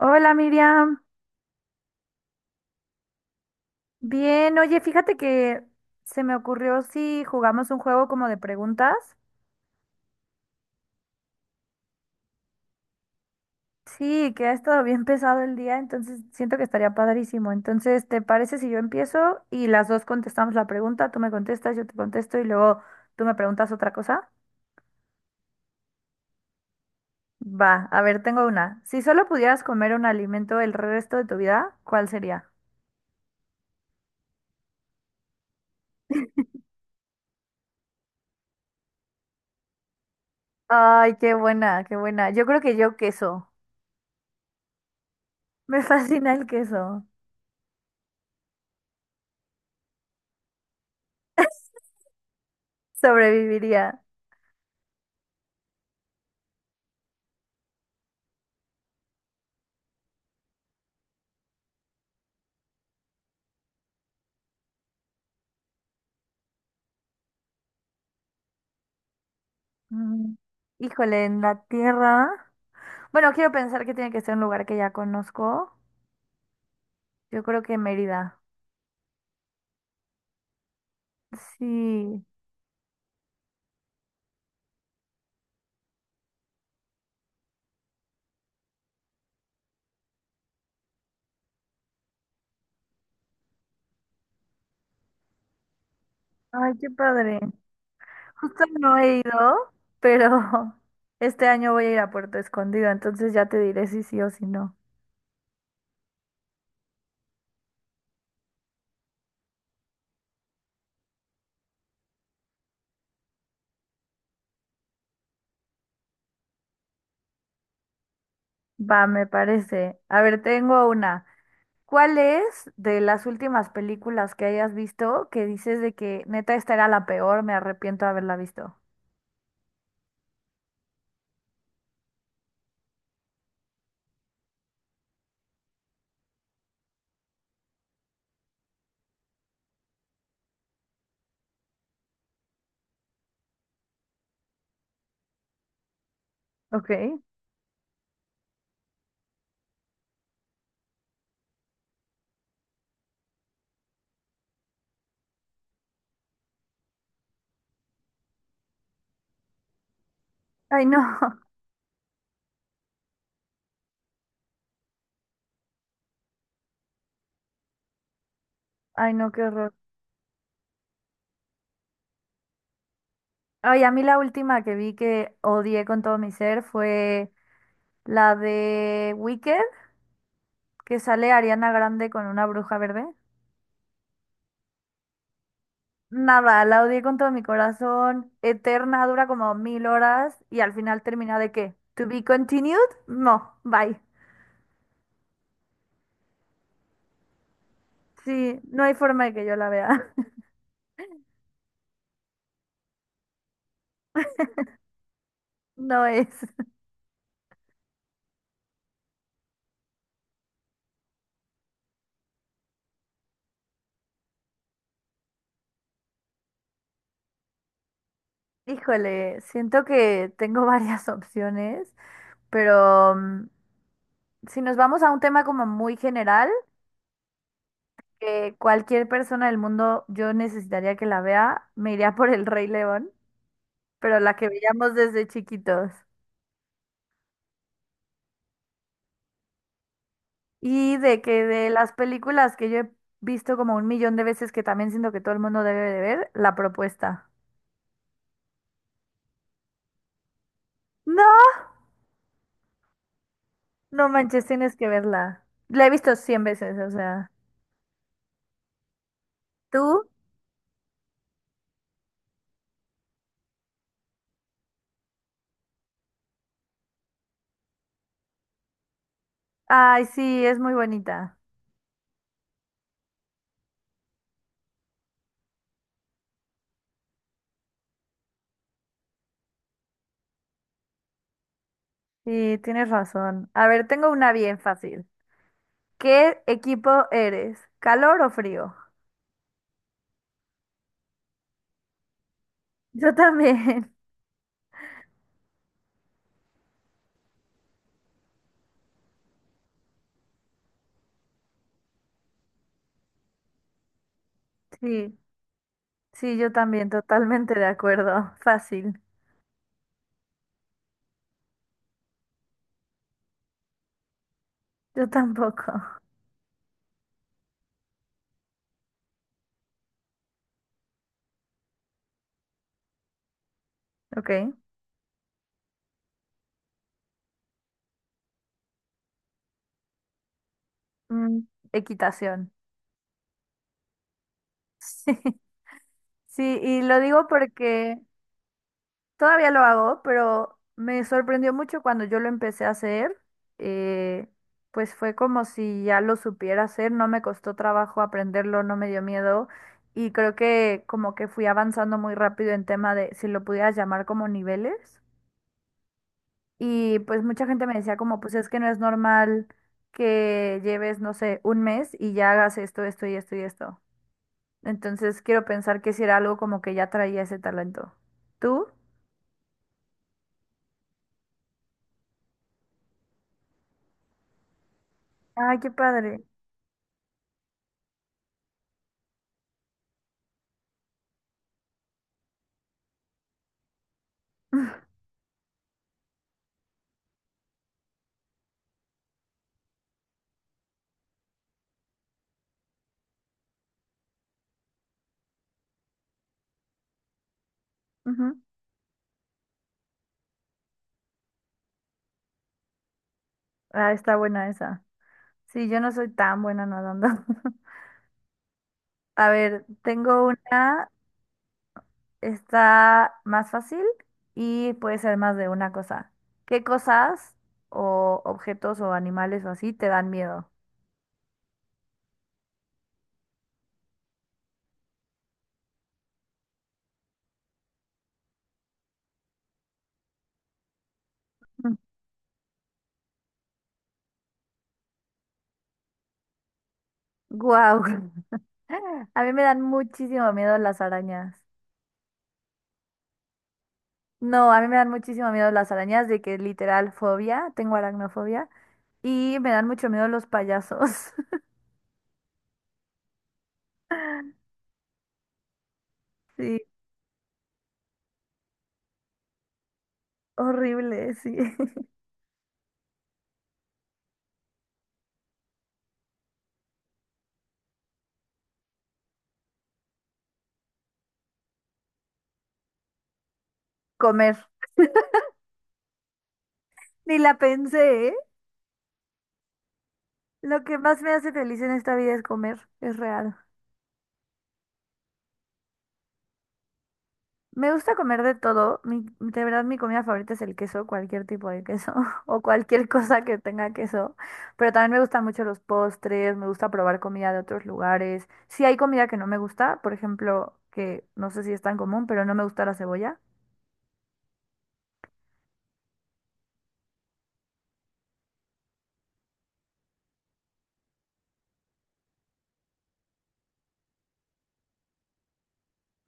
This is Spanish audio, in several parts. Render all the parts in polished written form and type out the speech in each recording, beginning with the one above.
Hola Miriam, bien, oye, fíjate que se me ocurrió si jugamos un juego como de preguntas. Sí, que ha estado bien pesado el día, entonces siento que estaría padrísimo. Entonces, ¿te parece si yo empiezo y las dos contestamos la pregunta? Tú me contestas, yo te contesto y luego tú me preguntas otra cosa. Va, a ver, tengo una. Si solo pudieras comer un alimento el resto de tu vida, ¿cuál sería? Ay, qué buena, qué buena. Yo creo que yo queso. Me fascina el queso. Sobreviviría. Mm, Híjole, en la tierra. Bueno, quiero pensar que tiene que ser un lugar que ya conozco. Yo creo que Mérida. Sí. Ay, qué padre. Justo no he ido, pero este año voy a ir a Puerto Escondido, entonces ya te diré si sí o si no. Va, me parece. A ver, tengo una. ¿Cuál es de las últimas películas que hayas visto que dices de que neta esta era la peor, me arrepiento de haberla visto? Ok. Ay, no. Ay, no, qué horror. Ay, a mí la última que vi que odié con todo mi ser fue la de Wicked, que sale Ariana Grande con una bruja verde. Nada, la odié con todo mi corazón. Eterna, dura como 1.000 horas y al final termina de qué? ¿To be continued? No, bye. Sí, no hay forma de que yo la vea. No es. Híjole, siento que tengo varias opciones, pero si nos vamos a un tema como muy general. Que cualquier persona del mundo yo necesitaría que la vea, me iría por El Rey León, pero la que veíamos desde chiquitos. Y de que de las películas que yo he visto como 1 millón de veces, que también siento que todo el mundo debe de ver, La Propuesta. No, no manches, tienes que verla. La he visto 100 veces, o sea. ¿Tú? Ay, sí, es muy bonita. Sí, tienes razón. A ver, tengo una bien fácil. ¿Qué equipo eres? ¿Calor o frío? Yo también, sí. Sí, yo también, totalmente de acuerdo. Fácil. Yo tampoco. Ok. Mm, equitación. Sí. Sí, y lo digo porque todavía lo hago, pero me sorprendió mucho cuando yo lo empecé a hacer. eh, pues fue como si ya lo supiera hacer, no me costó trabajo aprenderlo, no me dio miedo. Y creo que como que fui avanzando muy rápido en tema de si lo pudieras llamar como niveles. Y pues mucha gente me decía como, pues es que no es normal que lleves, no sé, un mes y ya hagas esto, esto y esto y esto. Entonces quiero pensar que si era algo como que ya traía ese talento. ¿Tú? Ay, qué padre. Ujú. Ah, está buena esa. Sí, yo no soy tan buena nadando. A ver, tengo una, está más fácil y puede ser más de una cosa. ¿Qué cosas o objetos o animales o así te dan miedo? Wow. A mí me dan muchísimo miedo las arañas. No, a mí me dan muchísimo miedo las arañas, de que literal fobia, tengo aracnofobia. Y me dan mucho miedo los payasos. Sí, horrible, sí. Comer. Ni la pensé, ¿eh? Lo que más me hace feliz en esta vida es comer, es real. Me gusta comer de todo. Mi, de verdad, mi comida favorita es el queso, cualquier tipo de queso o cualquier cosa que tenga queso. Pero también me gustan mucho los postres, me gusta probar comida de otros lugares. Si hay comida que no me gusta, por ejemplo, que no sé si es tan común, pero no me gusta la cebolla.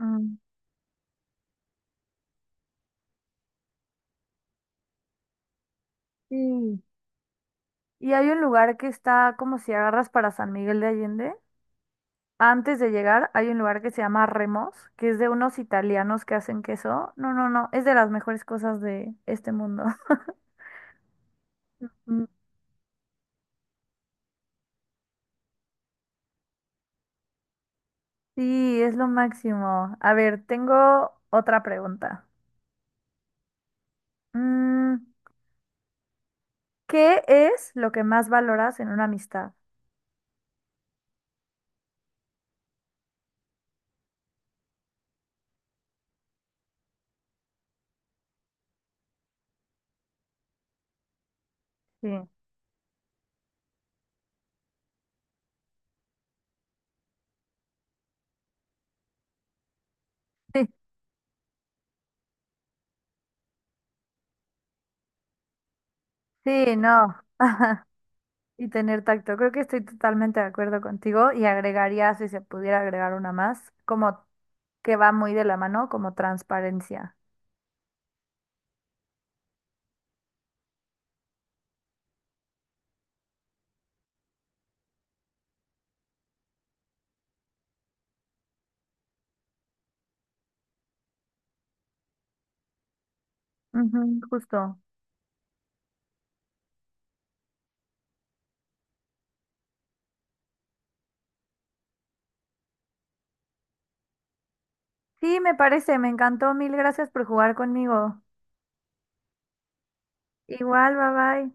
Mm, sí. Y hay un lugar que está como si agarras para San Miguel de Allende. Antes de llegar hay un lugar que se llama Remos, que es de unos italianos que hacen queso. No, no, no, es de las mejores cosas de este mundo. Sí, es lo máximo. A ver, tengo otra pregunta. Mm, ¿Qué es lo que más valoras en una amistad? Sí, sí, sí, no. Y tener tacto. Creo que estoy totalmente de acuerdo contigo y agregaría, si se pudiera agregar una más, como que va muy de la mano, como transparencia. Ujú, justo. Sí, me parece, me encantó. Mil gracias por jugar conmigo. Igual, bye bye.